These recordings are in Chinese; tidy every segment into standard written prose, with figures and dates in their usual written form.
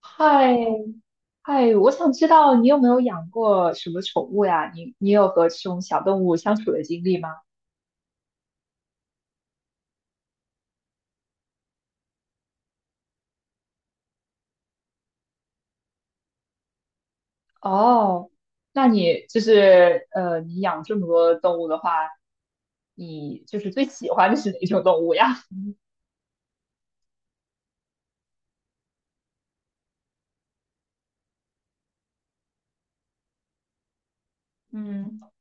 嗨，嗨，我想知道你有没有养过什么宠物呀？你有和这种小动物相处的经历吗？哦，那你就是你养这么多动物的话，你就是最喜欢的是哪种动物呀？嗯。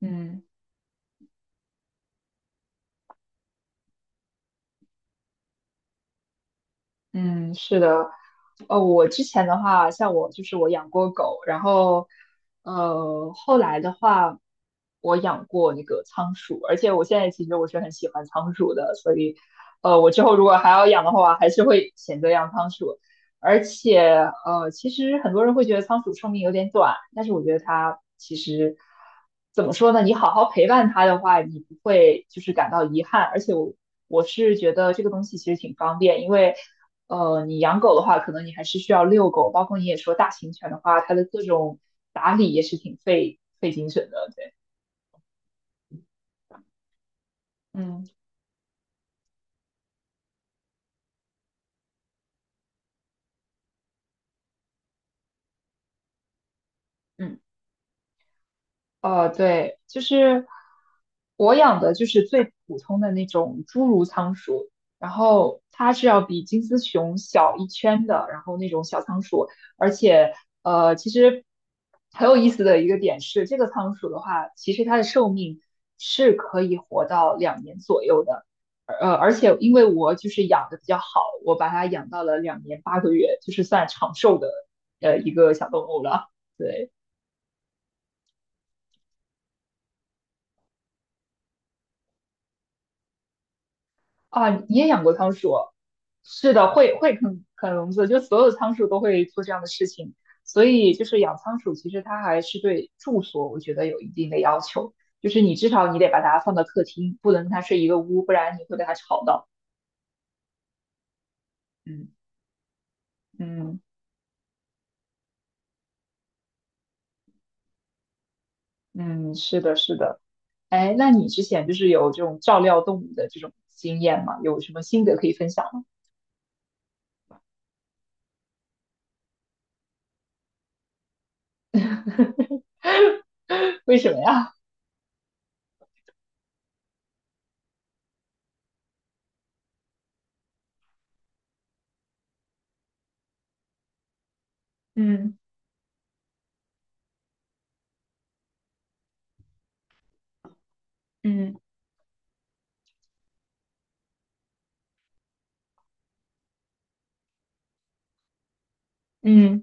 嗯。嗯，是的，我之前的话，像我就是我养过狗，然后，后来的话，我养过那个仓鼠，而且我现在其实我是很喜欢仓鼠的，所以，我之后如果还要养的话，还是会选择养仓鼠，而且，其实很多人会觉得仓鼠寿命有点短，但是我觉得它其实怎么说呢？你好好陪伴它的话，你不会就是感到遗憾，而且我是觉得这个东西其实挺方便，因为。你养狗的话，可能你还是需要遛狗，包括你也说大型犬的话，它的各种打理也是挺费精神的，对，嗯。嗯。对，就是我养的就是最普通的那种侏儒仓鼠，然后它是要比金丝熊小一圈的，然后那种小仓鼠，而且其实很有意思的一个点是，这个仓鼠的话，其实它的寿命是可以活到两年左右的，而且因为我就是养的比较好，我把它养到了两年八个月，就是算长寿的一个小动物了，对。啊，你也养过仓鼠？是的，会啃笼子，就所有仓鼠都会做这样的事情。所以就是养仓鼠，其实它还是对住所，我觉得有一定的要求，就是你至少你得把它放到客厅，不能跟它睡一个屋，不然你会被它吵到。嗯嗯嗯，是的，是的。哎，那你之前就是有这种照料动物的这种经验吗？有什么心得可以分享吗？为什么呀？嗯嗯嗯。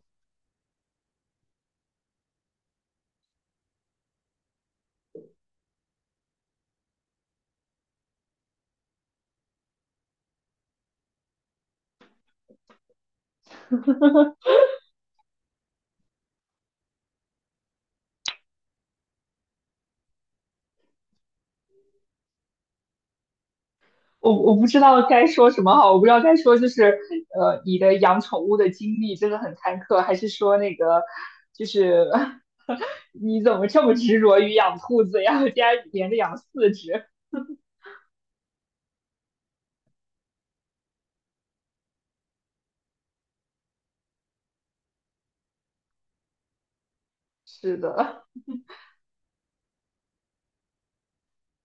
我不知道该说什么好，我不知道该说就是你的养宠物的经历真的很坎坷，还是说那个就是 你怎么这么执着于养兔子呀？我家连着养四只。是的，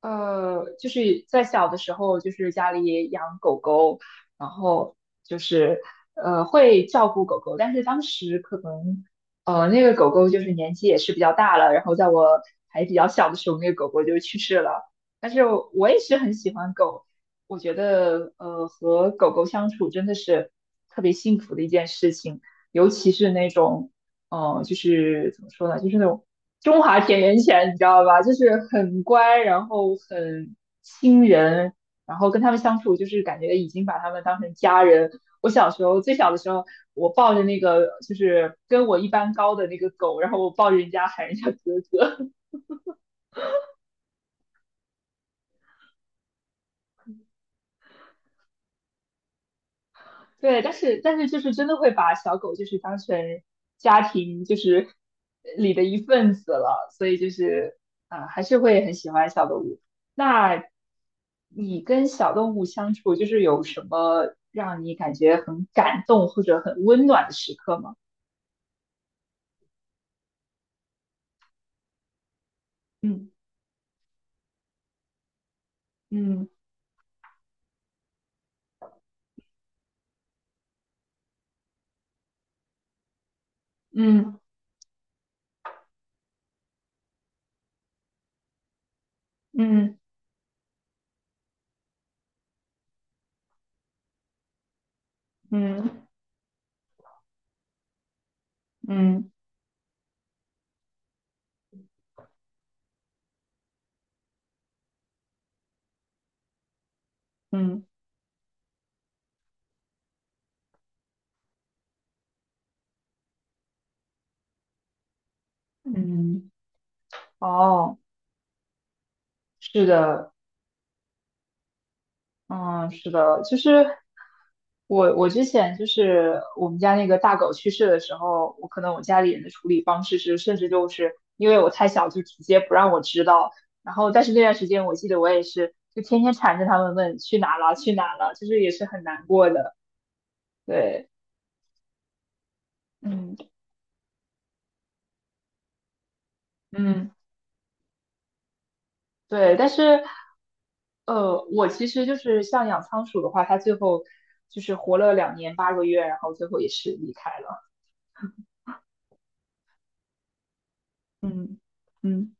就是在小的时候，就是家里养狗狗，然后就是会照顾狗狗，但是当时可能那个狗狗就是年纪也是比较大了，然后在我还比较小的时候，那个狗狗就去世了。但是我也是很喜欢狗，我觉得和狗狗相处真的是特别幸福的一件事情，尤其是那种哦，就是怎么说呢，就是那种中华田园犬，你知道吧？就是很乖，然后很亲人，然后跟他们相处，就是感觉已经把他们当成家人。我小时候最小的时候，我抱着那个就是跟我一般高的那个狗，然后我抱着人家喊人家哥哥，对，但是就是真的会把小狗就是当成家庭就是里的一份子了，所以就是啊、还是会很喜欢小动物。那你跟小动物相处，就是有什么让你感觉很感动或者很温暖的时刻吗？嗯嗯嗯嗯嗯嗯嗯嗯，嗯哦，是的，嗯，是的，就是我之前就是我们家那个大狗去世的时候，我可能我家里人的处理方式是，甚至就是因为我太小，就直接不让我知道。然后，但是那段时间我记得我也是，就天天缠着他们问去哪了，去哪了，就是也是很难过的。对，嗯嗯，对，但是。我其实就是像养仓鼠的话，它最后就是活了两年八个月，然后最后也是离开了。嗯嗯。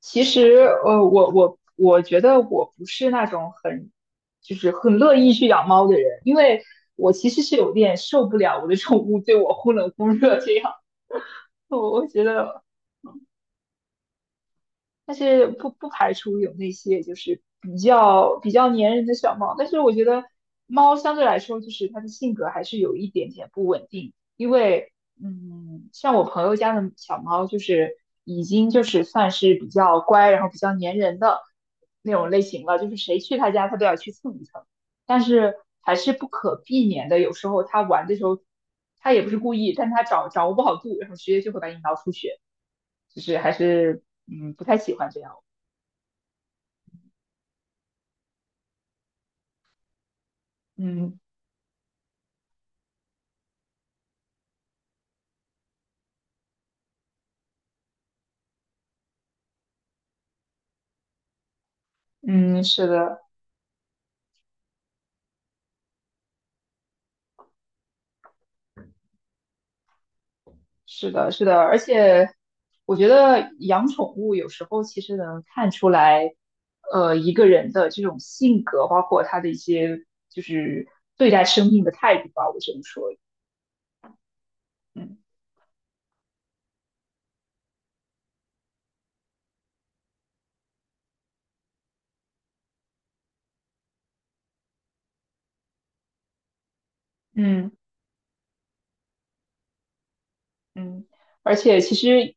其实，我觉得我不是那种很，就是很乐意去养猫的人，因为我其实是有点受不了我的宠物对我忽冷忽热这样。我觉得但是不排除有那些就是比较粘人的小猫，但是我觉得猫相对来说就是它的性格还是有一点点不稳定，因为嗯，像我朋友家的小猫就是已经就是算是比较乖，然后比较粘人的那种类型了，就是谁去他家它都要去蹭一蹭，但是还是不可避免的，有时候它玩的时候它也不是故意，但它掌握不好度，然后直接就会把你挠出血，就是还是嗯不太喜欢这样。嗯嗯，是的，是的，是的，而且我觉得养宠物有时候其实能看出来，一个人的这种性格，包括他的一些就是对待生命的态度吧，我只能说，嗯嗯。嗯，而且其实，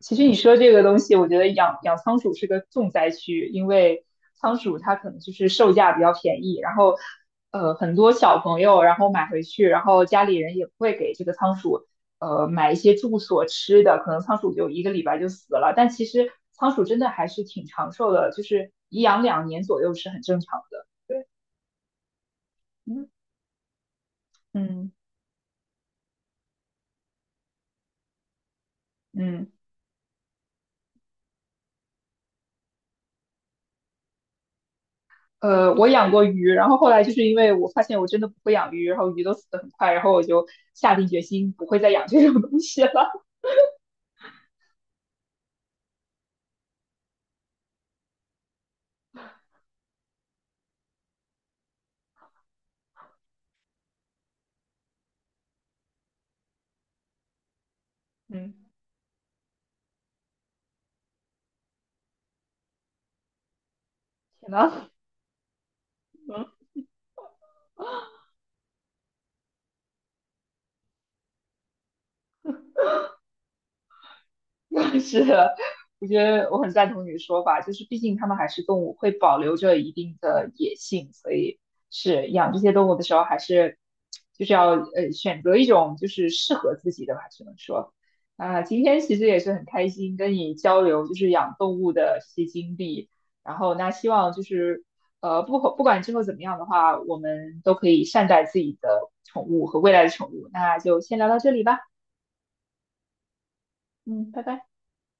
其实你说这个东西，我觉得养仓鼠是个重灾区，因为仓鼠它可能就是售价比较便宜，然后很多小朋友然后买回去，然后家里人也不会给这个仓鼠买一些住所吃的，可能仓鼠就一个礼拜就死了。但其实仓鼠真的还是挺长寿的，就是颐养两年左右是很正常的。对，嗯嗯嗯。我养过鱼，然后后来就是因为我发现我真的不会养鱼，然后鱼都死得很快，然后我就下定决心不会再养这种东西了。嗯，天呐，嗯。是的，我觉得我很赞同你的说法，就是毕竟它们还是动物，会保留着一定的野性，所以是养这些动物的时候，还是就是要选择一种就是适合自己的吧，只能说啊、今天其实也是很开心跟你交流，就是养动物的这些经历，然后那希望就是不管之后怎么样的话，我们都可以善待自己的宠物和未来的宠物，那就先聊到这里吧，嗯，拜拜。